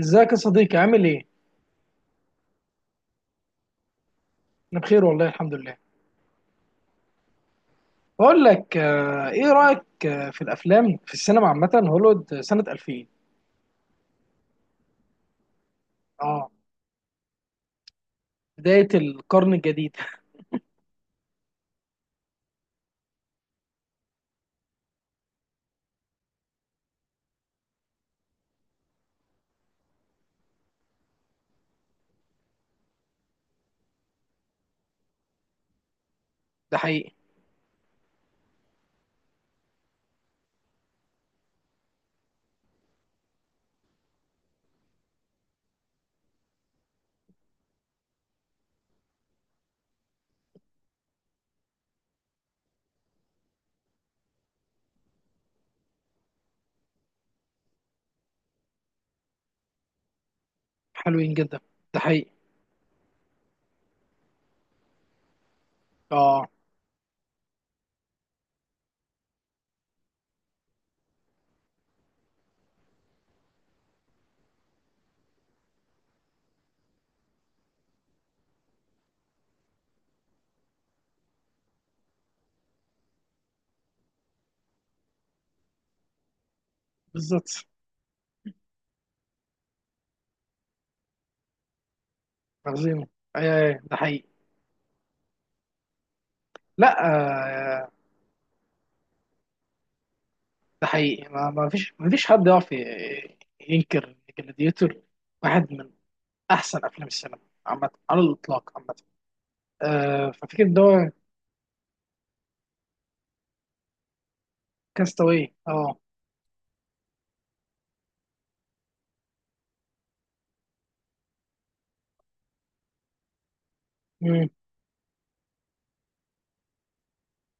ازيك يا صديقي عامل ايه؟ انا بخير والله الحمد لله. بقول لك، ايه رأيك في الافلام في السينما عامة، هوليوود سنة 2000. اه، بداية القرن الجديد. ده حقيقي. حلوين جدا. ده حقيقي. اه، بالظبط. عظيم. اي، اي، ده حقيقي. لا، آه، ده حقيقي. ما فيش حد يعرف ينكر جلاديتور، واحد من احسن افلام السينما عامة، على الاطلاق عامة. ففكرة ان هو كاستاوي. اه،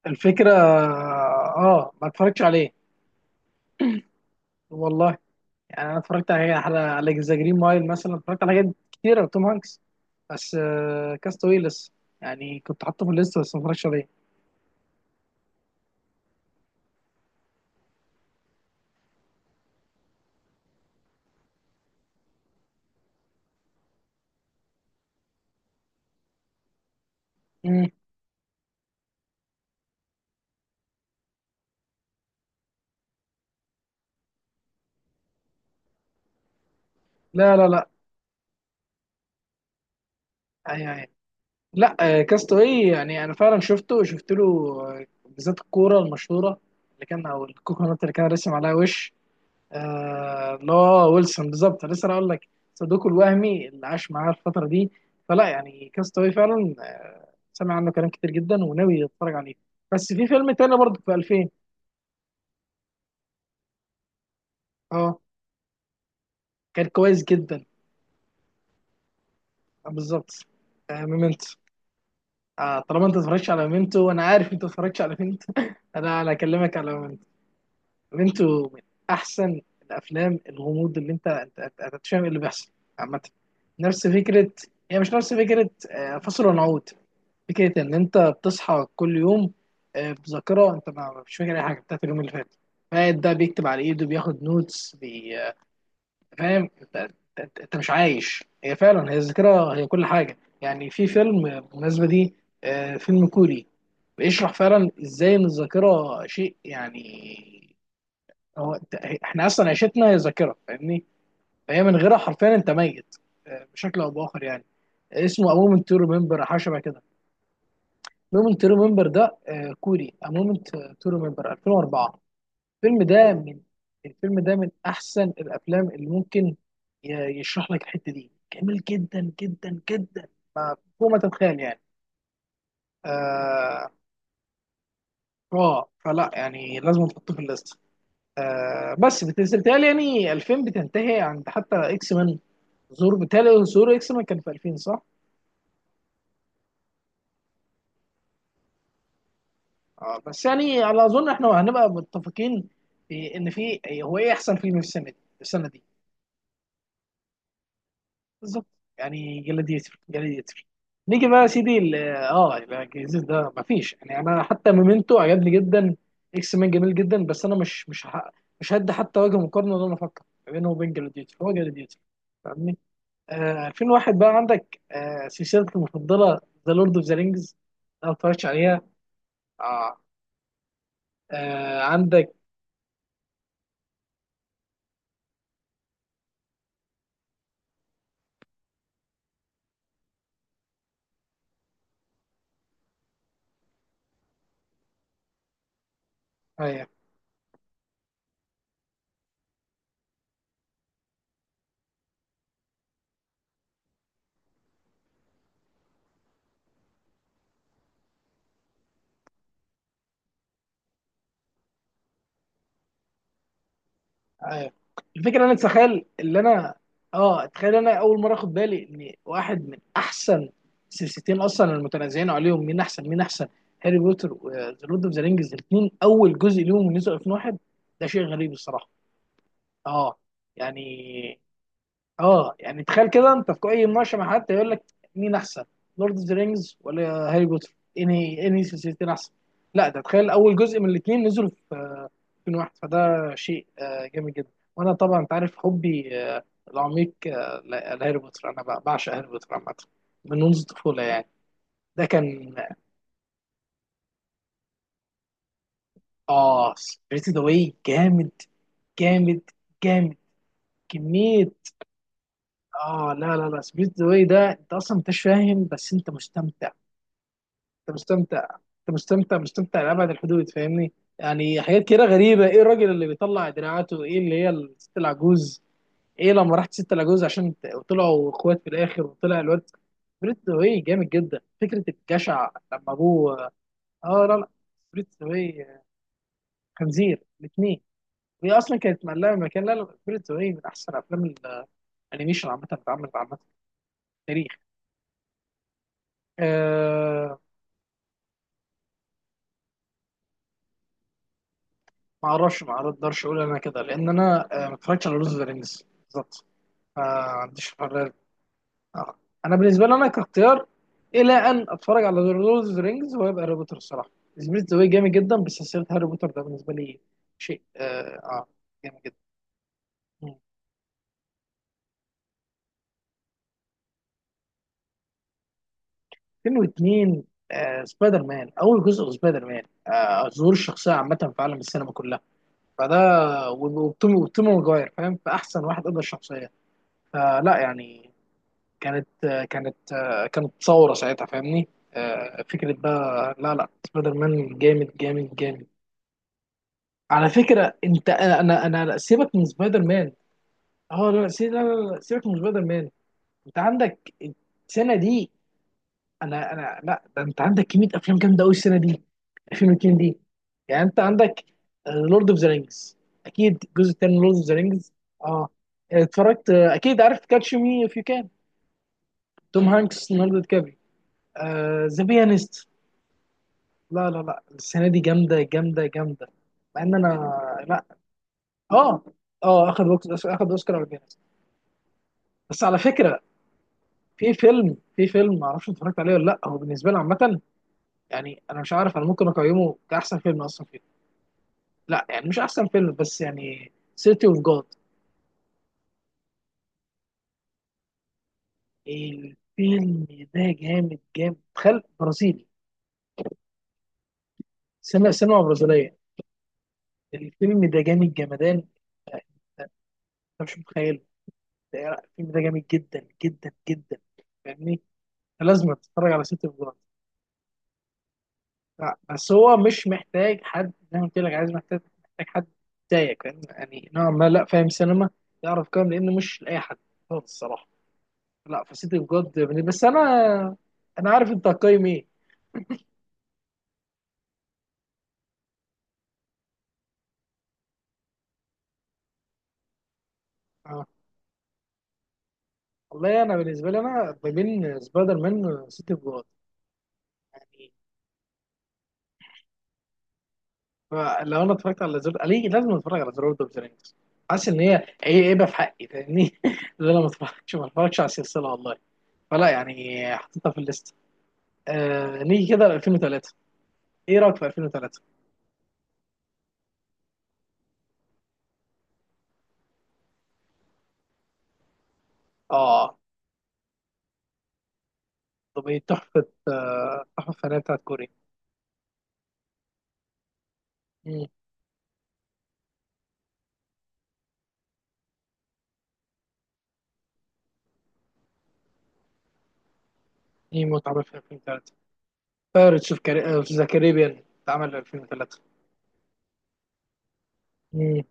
الفكرة. اه، ما اتفرجتش عليه. والله يعني انا اتفرجت على ذا جرين مايل مثلا، اتفرجت على حاجات كتيرة توم هانكس. بس كاستاوي لسه، يعني كنت حاطه في الليست بس ما اتفرجتش عليه. مم. لا، لا، لا. أي، أي. لا، كاستاوي، يعني انا فعلا شفته، شفت له بالذات الكورة المشهورة اللي كان او الكوكونات اللي كان رسم عليها وش، اللي هو ويلسون. بالظبط، أنا لسه هقول لك. صديقه الوهمي اللي عاش معاه الفترة دي. فلا يعني، كاستاوي فعلا سمع عنه كلام كتير جدا، وناوي يتفرج عليه. بس في فيلم تاني برضه في 2000. اه، كان كويس جدا. بالظبط. ميمنتو. طالما انت اتفرجتش على ميمنتو، وانا عارف انت اتفرجتش على ميمنتو، انا اكلمك على ميمنتو. ميمنتو من احسن الافلام، الغموض اللي أنت مش فاهم اللي بيحصل عامة. نفس فكرة، هي مش نفس فكرة فصل ونعود. فكرة إن أنت بتصحى كل يوم بذاكرة، أنت ما مش فاكر أي حاجة بتاعت اليوم اللي فات. فقاعد ده بيكتب على إيده، بياخد نوتس بي... آه، فاهم أنت؟ أنت مش عايش. هي فعلا هي الذاكرة، هي كل حاجة يعني. في فيلم بالمناسبة دي، فيلم كوري، بيشرح فعلا إزاي إن الذاكرة شيء. يعني هو إحنا أصلا عيشتنا هي ذاكرة، فاهمني؟ فهي من غيرها، حرفيا أنت ميت بشكل أو بآخر يعني. اسمه A Moment to Remember أو حاجة شبه كده. مومنت تو ريمبر ده كوري. مومنت تو ريمبر 2004. الفيلم ده من الفيلم ده من احسن الافلام اللي ممكن يشرح لك الحته دي، جميل جدا جدا جدا، فوق ما تتخيل يعني. اه، فلا يعني لازم تحطه في الليست. بس بتهيألي يعني 2000 بتنتهي عند حتى اكس مان. بتهيألي ظهور اكس مان كان في 2000 صح؟ بس يعني على اظن احنا هنبقى متفقين في ان هو ايه احسن فيلم في السنه دي، السنه دي بالظبط. يعني جلاديتر. نيجي بقى يا سيدي، لا، الجزيز ده مفيش. يعني انا حتى مومنتو عجبني جدا. اكس مان جميل جدا، بس انا مش هدي حتى وجه مقارنه ولا انا افكر ما بينه وبين جلاديتر. هو جلاديتر، فاهمني؟ 2001 بقى عندك سلسلتك المفضله، ذا لورد اوف ذا رينجز. لو ما اتفرجتش عليها. اه، عندك آه، ايوه. الفكره انا اتخيل اللي انا اه، اتخيل انا اول مره اخد بالي ان واحد من احسن سلسلتين اصلا، المتنازعين عليهم مين احسن، مين احسن، هاري بوتر وذا لورد اوف ذا رينجز. الاثنين اول جزء ليهم نزل 2001. ده شيء غريب الصراحه. اه، يعني، اه، يعني تخيل كده، انت في اي مناقشه مع حد يقول لك مين احسن، لورد اوف ذا رينجز ولا هاري بوتر، انهي سلسلتين احسن. لا، ده تخيل اول جزء من الاثنين نزلوا يكون واحد. فده شيء جامد جدا. وانا طبعا انت عارف حبي العميق لهاري بوتر. انا بعشق هاري بوتر عامه، منذ الطفوله يعني. ده كان. اه، سبيريت ذا واي جامد، جامد، جامد، كميه. اه، لا، لا، لا، سبيريت ذا واي ده انت اصلا، انت مش فاهم بس انت مستمتع. انت مستمتع. انت مستمتع، مستمتع لابعد الحدود، فاهمني؟ يعني حاجات كده غريبه، ايه الراجل اللي بيطلع دراعاته، ايه اللي هي الست العجوز، ايه لما رحت ستة لاجوز عشان وطلعوا اخوات في الاخر وطلع الواد. سبريت واي جامد جدا، فكره الجشع لما ابوه. اه، لا، لا، سبريت واي، خنزير الاثنين، وهي اصلا كانت مقلقه من مكان. لا، لا، سبريت واي من احسن افلام الانيميشن عامه، اللي اتعملت عامه في التاريخ. آه. ما اعرفش ما اقدرش اقول انا كده، لان انا ما اتفرجتش على لوز فيرنس بالظبط. ما عنديش. آه. انا بالنسبه لي، انا كاختيار الى ان اتفرج على ذا لورد اوف ذا رينجز ويبقى هاري بوتر الصراحه. سميث ذا واي جامد جدا، بس سلسله هاري بوتر ده بالنسبه لي شيء جامد جدا. مم. فيلم واثنين، سبايدر مان اول جزء. سبايدر مان ظهور الشخصيه عامه في عالم السينما كلها. فده، وتوم ماجواير، فاهم، فاحسن واحد قدر الشخصيه. فلا يعني، كانت ثوره ساعتها، فاهمني؟ فكره بقى، لا، لا، سبايدر مان جامد، جامد، جامد. على فكره انت، سيبك من سبايدر مان. اه، لا، لا، لا، لا، سيبك من سبايدر مان. انت عندك السنه دي. انا انا لا، ده انت عندك كميه افلام جامده قوي السنه دي، 2002 دي. يعني انت عندك لورد اوف ذا رينجز، اكيد الجزء الثاني لورد اوف ذا رينجز. اه، اتفرجت، اكيد عارف كاتش مي اف يو كان، توم هانكس، ليوناردو دي كابري، ذا بيانست. لا، لا، لا، السنه دي جامده، جامده، جامده، مع ان انا. لا، اه اه اخد، اخد اوسكار على Pianist. بس على فكره، في فيلم ما اعرفش اتفرجت عليه ولا لا، هو بالنسبه لي عامه، يعني انا مش عارف، انا ممكن اقيمه كاحسن فيلم اصلا فيه. لا، يعني مش احسن فيلم، بس يعني سيتي اوف جاد. الفيلم ده جامد، جامد، تخيل برازيلي، سينما برازيليه. الفيلم ده جامد جمدان، انت مش متخيله. الفيلم ده جامد جدا جدا جدا، فاهمني؟ لازم تتفرج على سيتي اوف جاد. لا، بس هو مش محتاج حد، زي ما قلت لك، عايز محتاج محتاج حد زيك، فاهم؟ يعني نوعا ما، لا، فاهم سينما، يعرف كام، لانه مش لاي حد خالص الصراحه. لا، فسيتي اوف جاد بس انا، انا عارف انت هتقيم ايه. آه. والله انا بالنسبه لي انا ما بين سبايدر مان وسيتي اوف جاد، يعني. لو انا اتفرجت على زر، ليه لازم اتفرج على زر اوف ذا رينجز؟ حاسس ان هي هيبه في حقي، فاهمني؟ اللي انا ما اتفرجش على السلسله والله. فلا يعني، حطيتها في الليست. آه، نيجي كده ل 2003. ايه رايك في 2003؟ اه، طب ايه تحفه، التحفه الفنيه بتاعت كوريا. مم. ايه متعمل في 2003؟ بايرتس اوف كاري... آه، في ذا كاريبيان اتعمل في 2003. مم.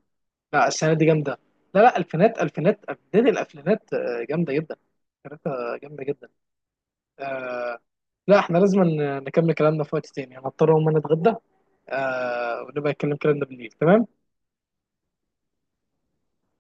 لا، السنه دي جامده. لا، لا، الفينات، بدايه الالفينات جامده جدا. كانت جامده جدا. آه. لا، احنا لازم نكمل كلامنا في وقت تاني، انا هضطر اقوم، انا اتغدى. آه، ونبقى نتكلم كلامنا بالليل. تمام.